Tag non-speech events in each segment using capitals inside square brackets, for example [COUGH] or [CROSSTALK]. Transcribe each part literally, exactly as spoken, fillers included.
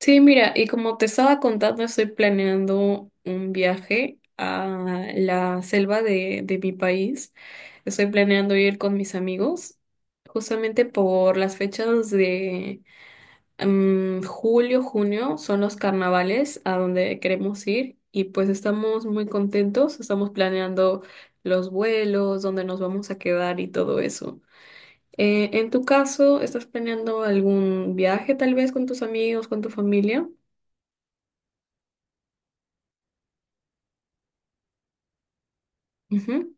Sí, mira, y como te estaba contando, estoy planeando un viaje a la selva de, de mi país. Estoy planeando ir con mis amigos, justamente por las fechas de mm, julio, junio, son los carnavales a donde queremos ir y pues estamos muy contentos, estamos planeando los vuelos, dónde nos vamos a quedar y todo eso. Eh, en tu caso, ¿estás planeando algún viaje tal vez con tus amigos, con tu familia? Ujú,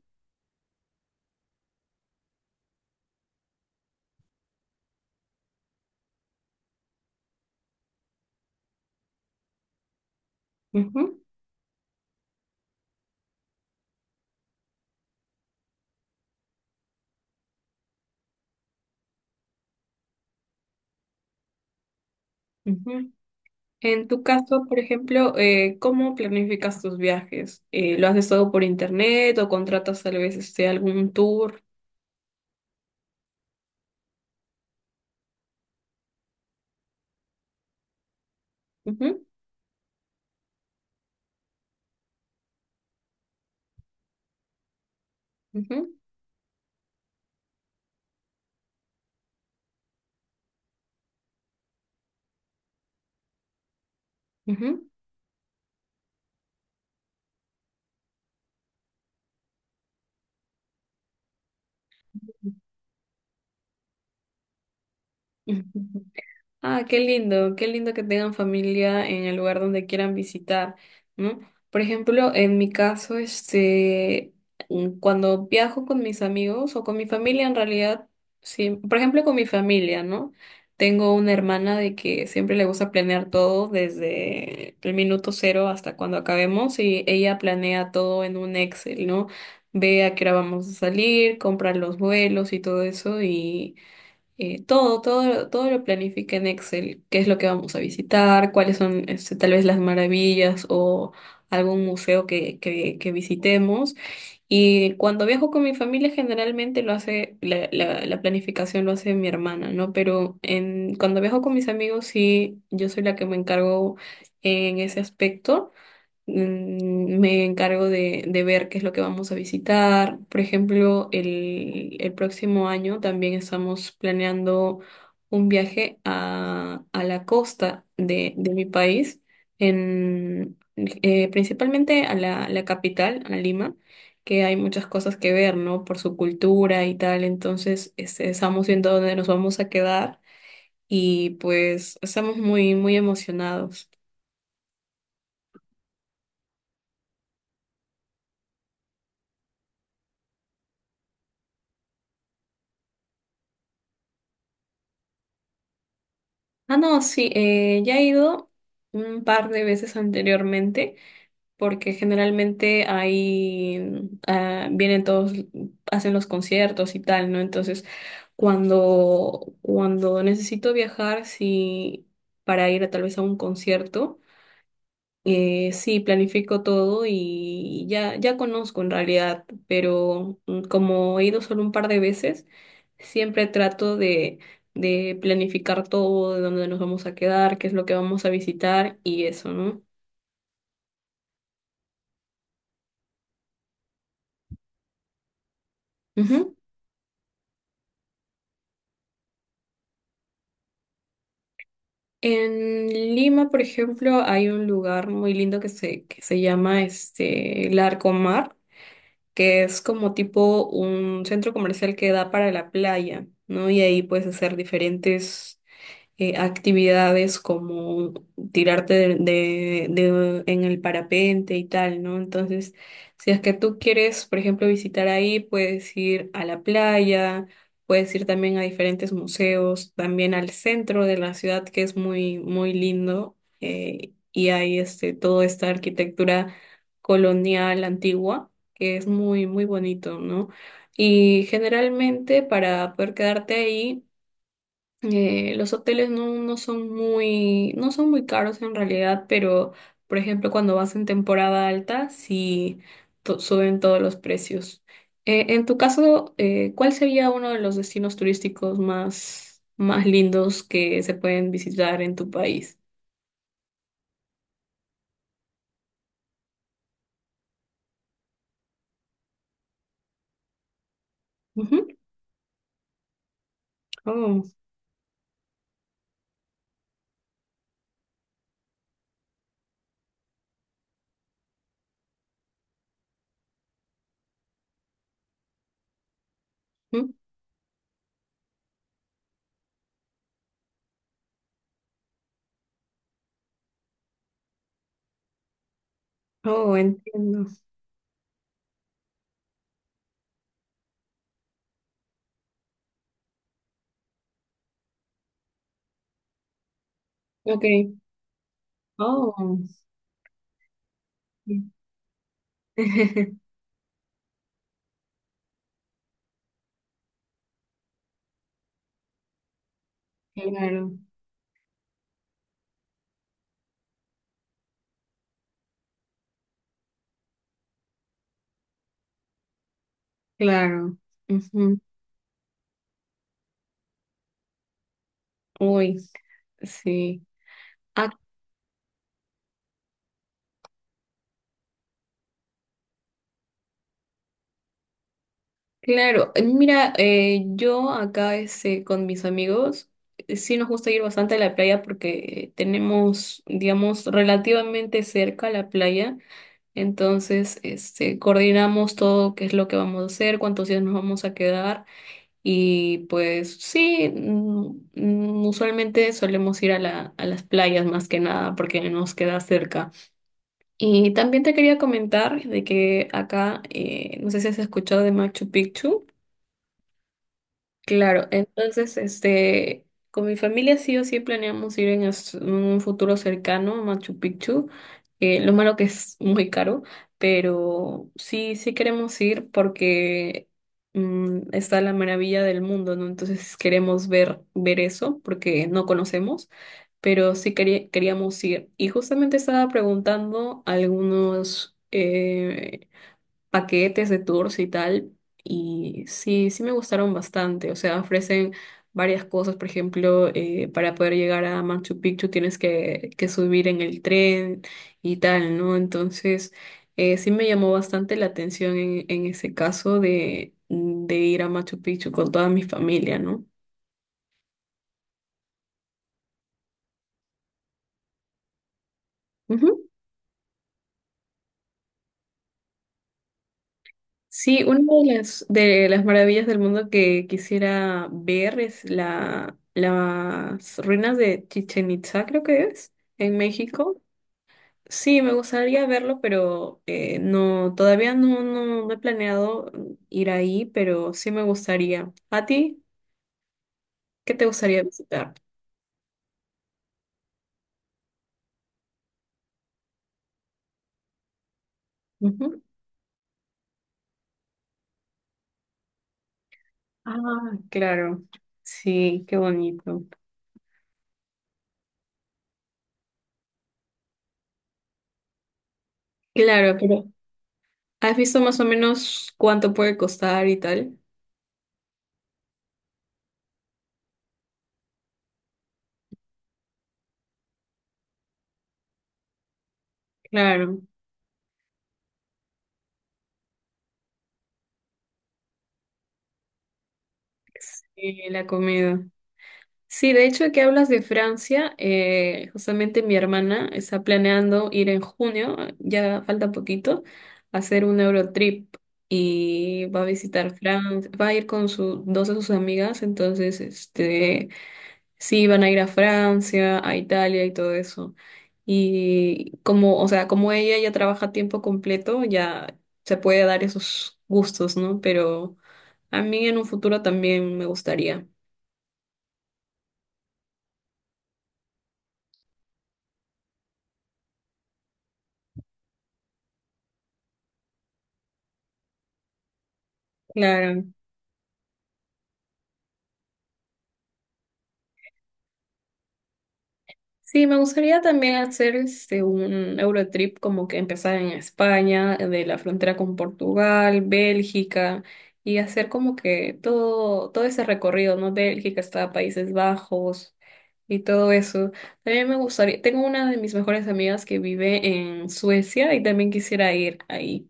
ujú, ujú. En tu caso, por ejemplo, eh, ¿cómo planificas tus viajes? Eh, ¿lo haces todo por internet o contratas tal vez este, algún tour? Ujú, ujú, ujú, ujú. Ah, qué lindo, qué lindo que tengan familia en el lugar donde quieran visitar, ¿no? Por ejemplo, en mi caso, este, mm, cuando viajo con mis amigos o con mi familia, en realidad, sí, por ejemplo, con mi familia, ¿no? Tengo una hermana de que siempre le gusta planear todo desde el minuto cero hasta cuando acabemos y ella planea todo en un Excel, ¿no? Ve a qué hora vamos a salir, compra los vuelos y todo eso, eh, todo, todo, todo lo planifica en Excel, qué es lo que vamos a visitar, cuáles son este, tal vez las maravillas o algún museo que, que, que visitemos. Y cuando viajo con mi familia generalmente lo hace, la, la, la planificación lo hace mi hermana, ¿no? Pero en, cuando viajo con mis amigos sí, yo soy la que me encargo en ese aspecto. Mm, Me encargo de, de ver qué es lo que vamos a visitar. Por ejemplo, el, el próximo año también estamos planeando un viaje a, a la costa de, de mi país, en, eh, principalmente a la, la capital, a Lima, que hay muchas cosas que ver, ¿no? Por su cultura y tal. Entonces, este, estamos viendo dónde nos vamos a quedar y pues estamos muy, muy emocionados. Ah, no, sí, eh, ya he ido un par de veces anteriormente, porque generalmente ahí ah, vienen todos, hacen los conciertos y tal, ¿no? Entonces, cuando, cuando necesito viajar, sí, para ir a, tal vez a un concierto. Eh, sí, planifico todo y ya, ya conozco en realidad, pero mm, como he ido solo un par de veces, siempre trato de, de planificar todo, de dónde nos vamos a quedar, qué es lo que vamos a visitar y eso, ¿no? Ujú. En Lima, por ejemplo, hay un lugar muy lindo que se, que se llama este, el Arco, que es como tipo un centro comercial que da para la playa, ¿no? Y ahí puedes hacer diferentes eh, actividades como tirarte de, de- de- en el parapente y tal, ¿no? Entonces, si es que tú quieres, por ejemplo, visitar ahí, puedes ir a la playa, puedes ir también a diferentes museos, también al centro de la ciudad, que es muy, muy lindo, eh, y hay este, toda esta arquitectura colonial antigua, que es muy, muy bonito, ¿no? Y generalmente para poder quedarte ahí, eh, los hoteles no, no son muy, no son muy caros en realidad, pero por ejemplo cuando vas en temporada alta, sí to- suben todos los precios. Eh, en tu caso, eh, ¿cuál sería uno de los destinos turísticos más, más lindos que se pueden visitar en tu país? Ujú. Oh, ujú. Oh, entiendo. Ok. Oh. Sí. [LAUGHS] Claro, claro. Ujú. Uy, sí. Claro, eh, mira, eh, yo acá este, con mis amigos eh, sí nos gusta ir bastante a la playa porque tenemos, digamos, relativamente cerca la playa, entonces este, coordinamos todo qué es lo que vamos a hacer, cuántos días nos vamos a quedar y pues sí, mm, mm, usualmente solemos ir a la, a las playas más que nada porque nos queda cerca. Y también te quería comentar de que acá, eh, no sé si has escuchado de Machu Picchu. Claro, entonces, este, con mi familia sí o sí planeamos ir en as- un futuro cercano a Machu Picchu. Eh, lo malo que es muy caro, pero sí, sí queremos ir porque mm, está la maravilla del mundo, ¿no? Entonces queremos ver, ver eso porque no conocemos, pero sí quería- queríamos ir. Y justamente estaba preguntando algunos, eh, paquetes de tours y tal, y sí, sí me gustaron bastante, o sea, ofrecen varias cosas, por ejemplo, eh, para poder llegar a Machu Picchu tienes que, que subir en el tren y tal, ¿no? Entonces, eh, sí me llamó bastante la atención en, en ese caso de, de ir a Machu Picchu con toda mi familia, ¿no? Sí, una de las, de las maravillas del mundo que quisiera ver es la, las ruinas de Chichen Itza, creo que es, en México. Sí, me gustaría verlo, pero eh, no, todavía no, no, no he planeado ir ahí, pero sí me gustaría. ¿A ti? ¿Qué te gustaría visitar? Ujú. Ah, claro. Sí, qué bonito. Claro, pero ¿has visto más o menos cuánto puede costar y tal? Claro. Sí, la comida. Sí, de hecho, que hablas de Francia, eh, justamente mi hermana está planeando ir en junio, ya falta poquito, a hacer un Eurotrip y va a visitar Francia, va a ir con su, dos de sus amigas, entonces, este, sí, van a ir a Francia, a Italia y todo eso. Y como, o sea, como ella ya trabaja a tiempo completo, ya se puede dar esos gustos, ¿no? Pero a mí en un futuro también me gustaría. Claro. Sí, me gustaría también hacer este, un Eurotrip como que empezar en España, de la frontera con Portugal, Bélgica, y hacer como que todo, todo ese recorrido, ¿no? Bélgica hasta Países Bajos y todo eso. También me gustaría, tengo una de mis mejores amigas que vive en Suecia y también quisiera ir ahí.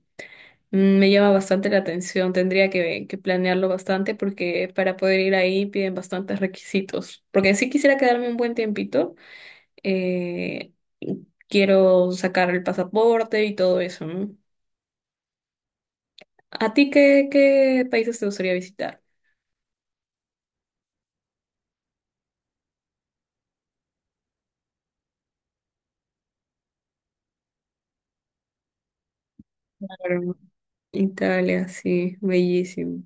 Mm, Me llama bastante la atención, tendría que, que planearlo bastante porque para poder ir ahí piden bastantes requisitos, porque sí quisiera quedarme un buen tiempito eh, quiero sacar el pasaporte y todo eso, ¿no? ¿A ti qué, qué países te gustaría visitar? Claro, Italia, sí, bellísimo.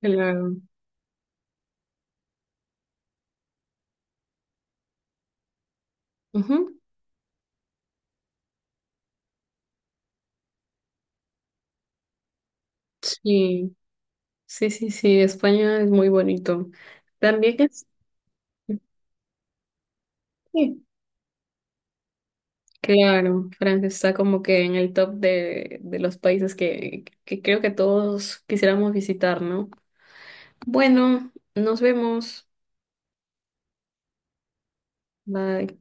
Claro. Ujú. Sí, sí, sí, sí, España es muy bonito. También es, sí, claro, Francia está como que en el top de, de los países que, que creo que todos quisiéramos visitar, ¿no? Bueno, nos vemos. Bye.